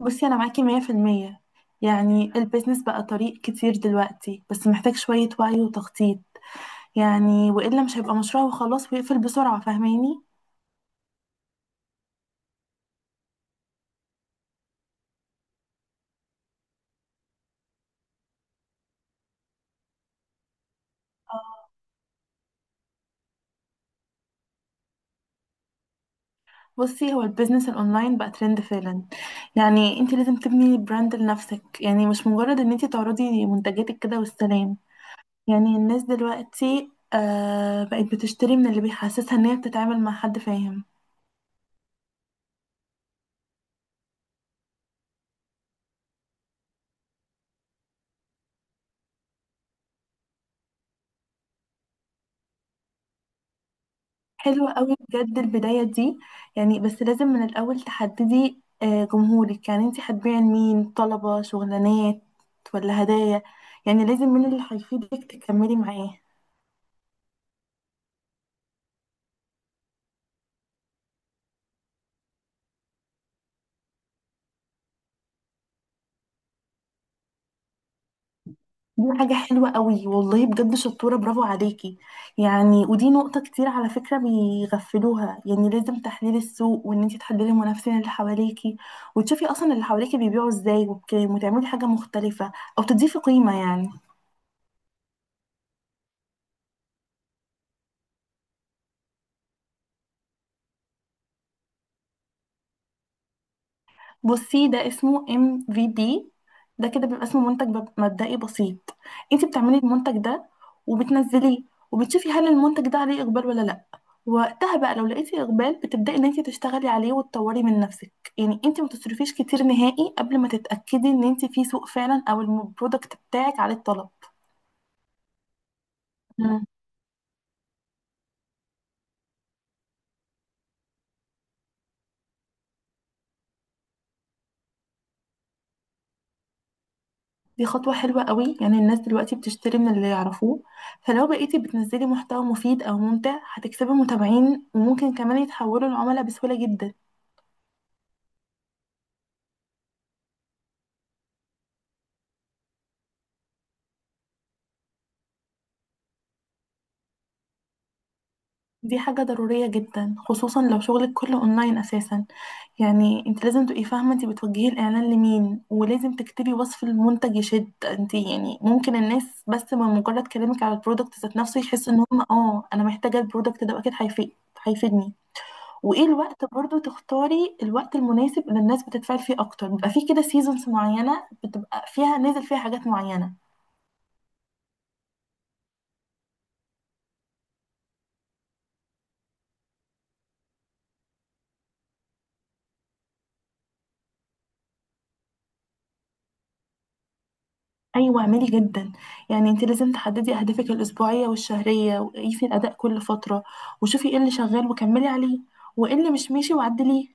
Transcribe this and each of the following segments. بصي أنا معاكي مية في المية. يعني البيزنس بقى طريق كتير دلوقتي، بس محتاج شوية وعي وتخطيط. يعني وإلا مش هيبقى مشروع وخلاص ويقفل بسرعة، فاهماني؟ بصي هو البيزنس الأونلاين بقى ترند فعلا. يعني انت لازم تبني براند لنفسك، يعني مش مجرد ان انت تعرضي منتجاتك كده والسلام. يعني الناس دلوقتي آه بقت بتشتري من اللي بيحسسها ان هي بتتعامل مع حد فاهم. حلوة قوي بجد البداية دي. يعني بس لازم من الأول تحددي جمهورك، يعني انتي هتبيعي لمين؟ طلبة شغلانات ولا هدايا؟ يعني لازم من اللي هيفيدك تكملي معاه. دي حاجة حلوة قوي والله بجد، شطورة، برافو عليكي. يعني ودي نقطة كتير على فكرة بيغفلوها، يعني لازم تحليل السوق، وان انتي تحللي المنافسين اللي حواليكي، وتشوفي اصلا اللي حواليكي بيبيعوا ازاي وبكام، وتعملي حاجة مختلفة او تضيفي قيمة يعني. بصي ده اسمه ام في دي. ده كده بيبقى اسمه منتج مبدئي بسيط. انت بتعملي المنتج ده وبتنزليه وبتشوفي هل المنتج ده عليه اقبال ولا لا. وقتها بقى لو لقيتي اقبال بتبداي ان انت تشتغلي عليه وتطوري من نفسك. يعني انت ما تصرفيش كتير نهائي قبل ما تتاكدي ان انت في سوق فعلا او البرودكت بتاعك عليه الطلب. دي خطوة حلوة قوي. يعني الناس دلوقتي بتشتري من اللي يعرفوه، فلو بقيتي بتنزلي محتوى مفيد أو ممتع هتكسبي متابعين، وممكن كمان يتحولوا لعملاء بسهولة جدا. دي حاجة ضرورية جدا خصوصا لو شغلك كله أونلاين أساسا. يعني انت لازم تبقي فاهمة انت بتوجهي الإعلان لمين، ولازم تكتبي وصف المنتج يشد انت. يعني ممكن الناس بس من مجرد كلامك على البرودكت ذات نفسه يحس ان هم اه أنا محتاجة البرودكت ده أكيد هيفيد، هيفيدني. وايه الوقت؟ برضو تختاري الوقت المناسب اللي الناس بتتفاعل فيه اكتر. بيبقى فيه كده سيزونز معينه بتبقى فيها نازل فيها حاجات معينه. ايوه اعملي جدا. يعني انت لازم تحددي اهدافك الاسبوعيه والشهريه، وقيسي الاداء كل فتره، وشوفي ايه اللي شغال وكملي عليه، وايه اللي مش ماشي وعدليه.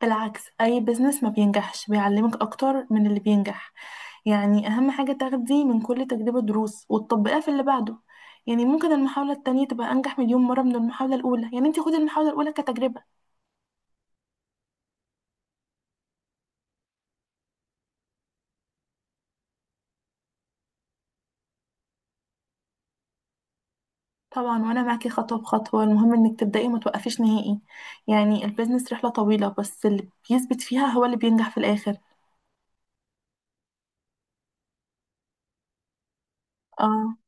بالعكس، اي بزنس ما بينجحش بيعلمك اكتر من اللي بينجح. يعني أهم حاجة تاخدي من كل تجربة دروس وتطبقيها في اللي بعده. يعني ممكن المحاولة التانية تبقى أنجح مليون مرة من المحاولة الأولى، يعني انتي خدي المحاولة الأولى كتجربة. طبعا وأنا معاكي خطوة بخطوة، المهم إنك تبدأي وما توقفيش نهائي. يعني البيزنس رحلة طويلة بس اللي بيثبت فيها هو اللي بينجح في الآخر. اه.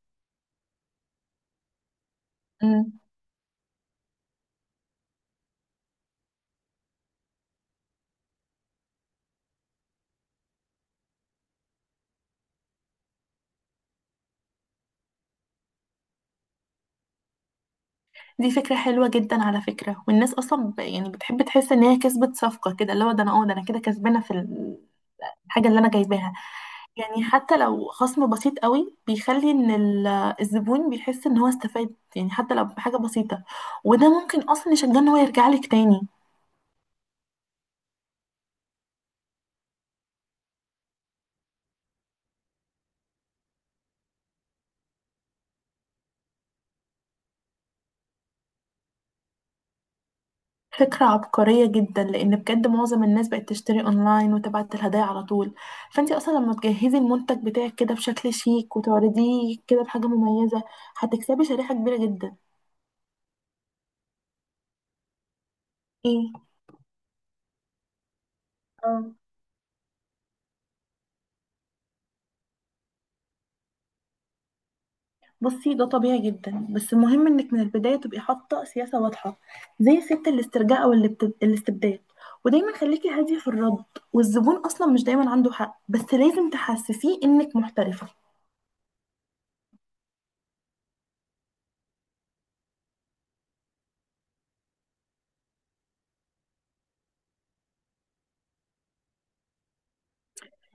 أمم. دي فكرة حلوة جدا على فكرة. والناس أصلا يعني بتحب تحس إن هي كسبت صفقة، كده اللي هو ده أنا اه ده أنا كده كسبانة في الحاجة اللي أنا جايباها. يعني حتى لو خصم بسيط قوي بيخلي ان الزبون بيحس ان هو استفاد، يعني حتى لو بحاجة بسيطة، وده ممكن اصلا يشجعه ان هو يرجع لك تاني. فكرة عبقرية جدا، لان بجد معظم الناس بقت تشتري اونلاين وتبعت الهدايا على طول. فانت اصلا لما تجهزي المنتج بتاعك كده بشكل شيك وتعرضيه كده بحاجة مميزة هتكسبي شريحة كبيرة جدا. ايه؟ اه. بصي ده طبيعي جدا، بس المهم انك من البدايه تبقي حاطه سياسه واضحه، زي سياسه الاسترجاع او الاستبداد. ودايما خليكي هاديه في الرد. والزبون اصلا مش دايما عنده حق، بس لازم تحسسيه انك محترفه.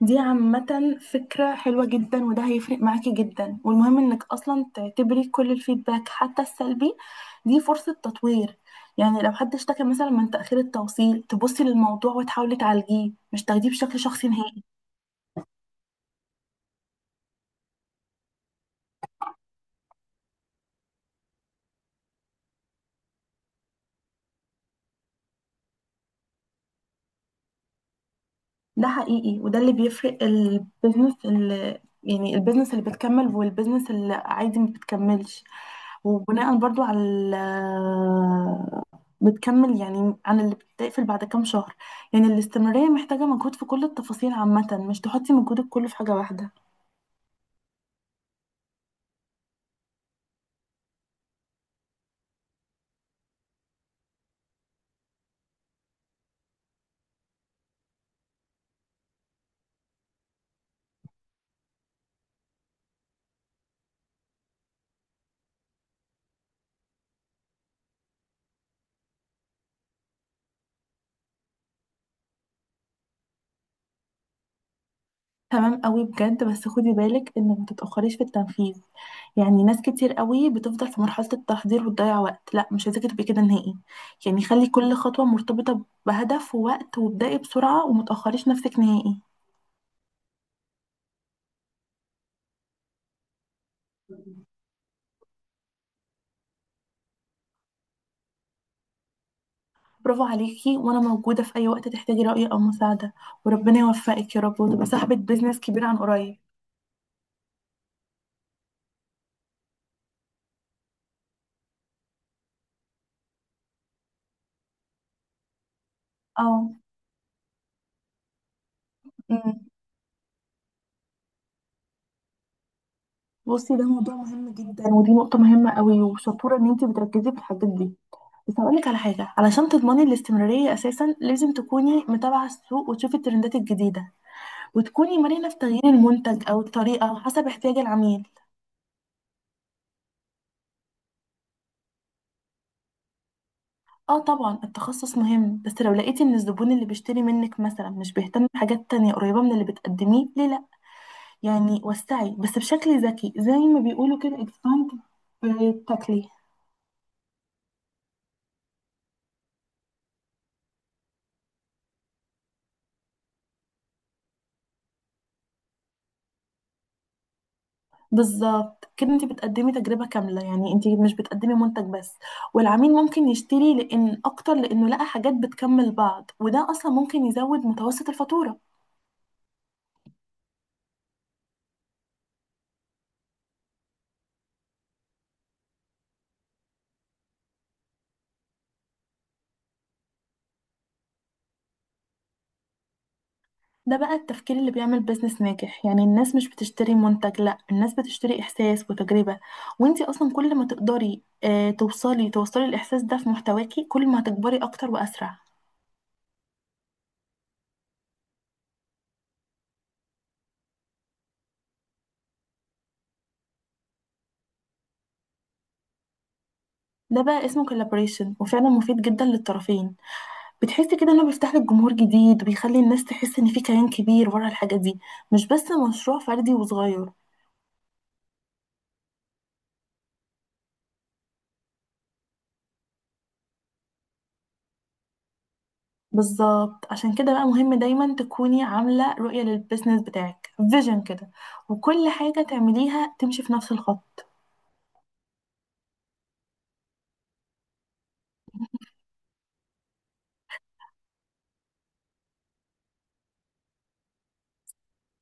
دي عامه فكره حلوه جدا، وده هيفرق معاكي جدا. والمهم انك اصلا تعتبري كل الفيدباك حتى السلبي دي فرصه تطوير. يعني لو حد اشتكى مثلا من تاخير التوصيل تبصي للموضوع وتحاولي تعالجيه، مش تاخديه بشكل شخصي نهائي. ده حقيقي، وده اللي بيفرق البيزنس اللي يعني البيزنس اللي بتكمل والبيزنس اللي عادي ما بتكملش. وبناء برضو على بتكمل يعني عن اللي بتقفل بعد كام شهر. يعني الاستمرارية محتاجة مجهود في كل التفاصيل عامة، مش تحطي مجهودك كله في حاجة واحدة. تمام قوي بجد، بس خدي بالك انك ما تتاخريش في التنفيذ. يعني ناس كتير قوي بتفضل في مرحله التحضير وتضيع وقت، لا مش عايزاكي تبقي كده نهائي. يعني خلي كل خطوه مرتبطه بهدف ووقت، وابدأي بسرعه وما تاخريش نفسك نهائي. برافو عليكي، وانا موجوده في اي وقت تحتاجي راي او مساعده. وربنا يوفقك يا رب، وتبقي صاحبه بيزنس كبير عن قريب. اه. أمم. بصي ده موضوع مهم جدا، ودي نقطه مهمه قوي، وشطوره ان انتي بتركزي في الحاجات دي. بس هقولك على حاجة، علشان تضمني الاستمرارية أساسا لازم تكوني متابعة السوق وتشوفي الترندات الجديدة، وتكوني مرنة في تغيير المنتج أو الطريقة حسب احتياج العميل. اه طبعا التخصص مهم، بس لو لقيتي ان الزبون اللي بيشتري منك مثلا مش بيهتم بحاجات تانية قريبة من اللي بتقدميه، ليه لأ؟ يعني وسعي بس بشكل ذكي، زي ما بيقولوا كده expand في التكليف. بالظبط كده انت بتقدمي تجربة كاملة، يعني انت مش بتقدمي منتج بس. والعميل ممكن يشتري لان اكتر لانه لقى حاجات بتكمل بعض، وده اصلا ممكن يزود متوسط الفاتورة. ده بقى التفكير اللي بيعمل بيزنس ناجح. يعني الناس مش بتشتري منتج، لا الناس بتشتري احساس وتجربة. وانت اصلا كل ما تقدري اه توصلي توصلي الاحساس ده في محتواكي، كل ما هتكبري اكتر واسرع. ده بقى اسمه كولابوريشن، وفعلا مفيد جدا للطرفين. بتحس كده انه بيفتح لك جمهور جديد، وبيخلي الناس تحس ان في كيان كبير ورا الحاجة دي، مش بس مشروع فردي وصغير. بالظبط، عشان كده بقى مهم دايما تكوني عاملة رؤية للبيزنس بتاعك، فيجن كده، وكل حاجة تعمليها تمشي في نفس الخط.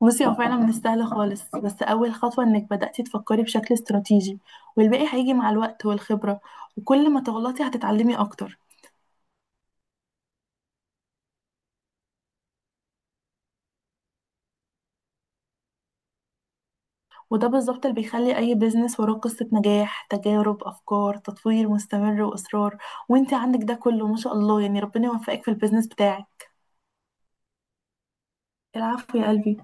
بصي هو فعلا مش سهل خالص، بس أول خطوة إنك بدأتي تفكري بشكل استراتيجي، والباقي هيجي مع الوقت والخبرة. وكل ما تغلطي هتتعلمي أكتر. وده بالظبط اللي بيخلي أي بيزنس وراه قصة نجاح، تجارب، أفكار، تطوير مستمر وإصرار. وانت عندك ده كله ما شاء الله. يعني ربنا يوفقك في البيزنس بتاعك. العفو يا قلبي.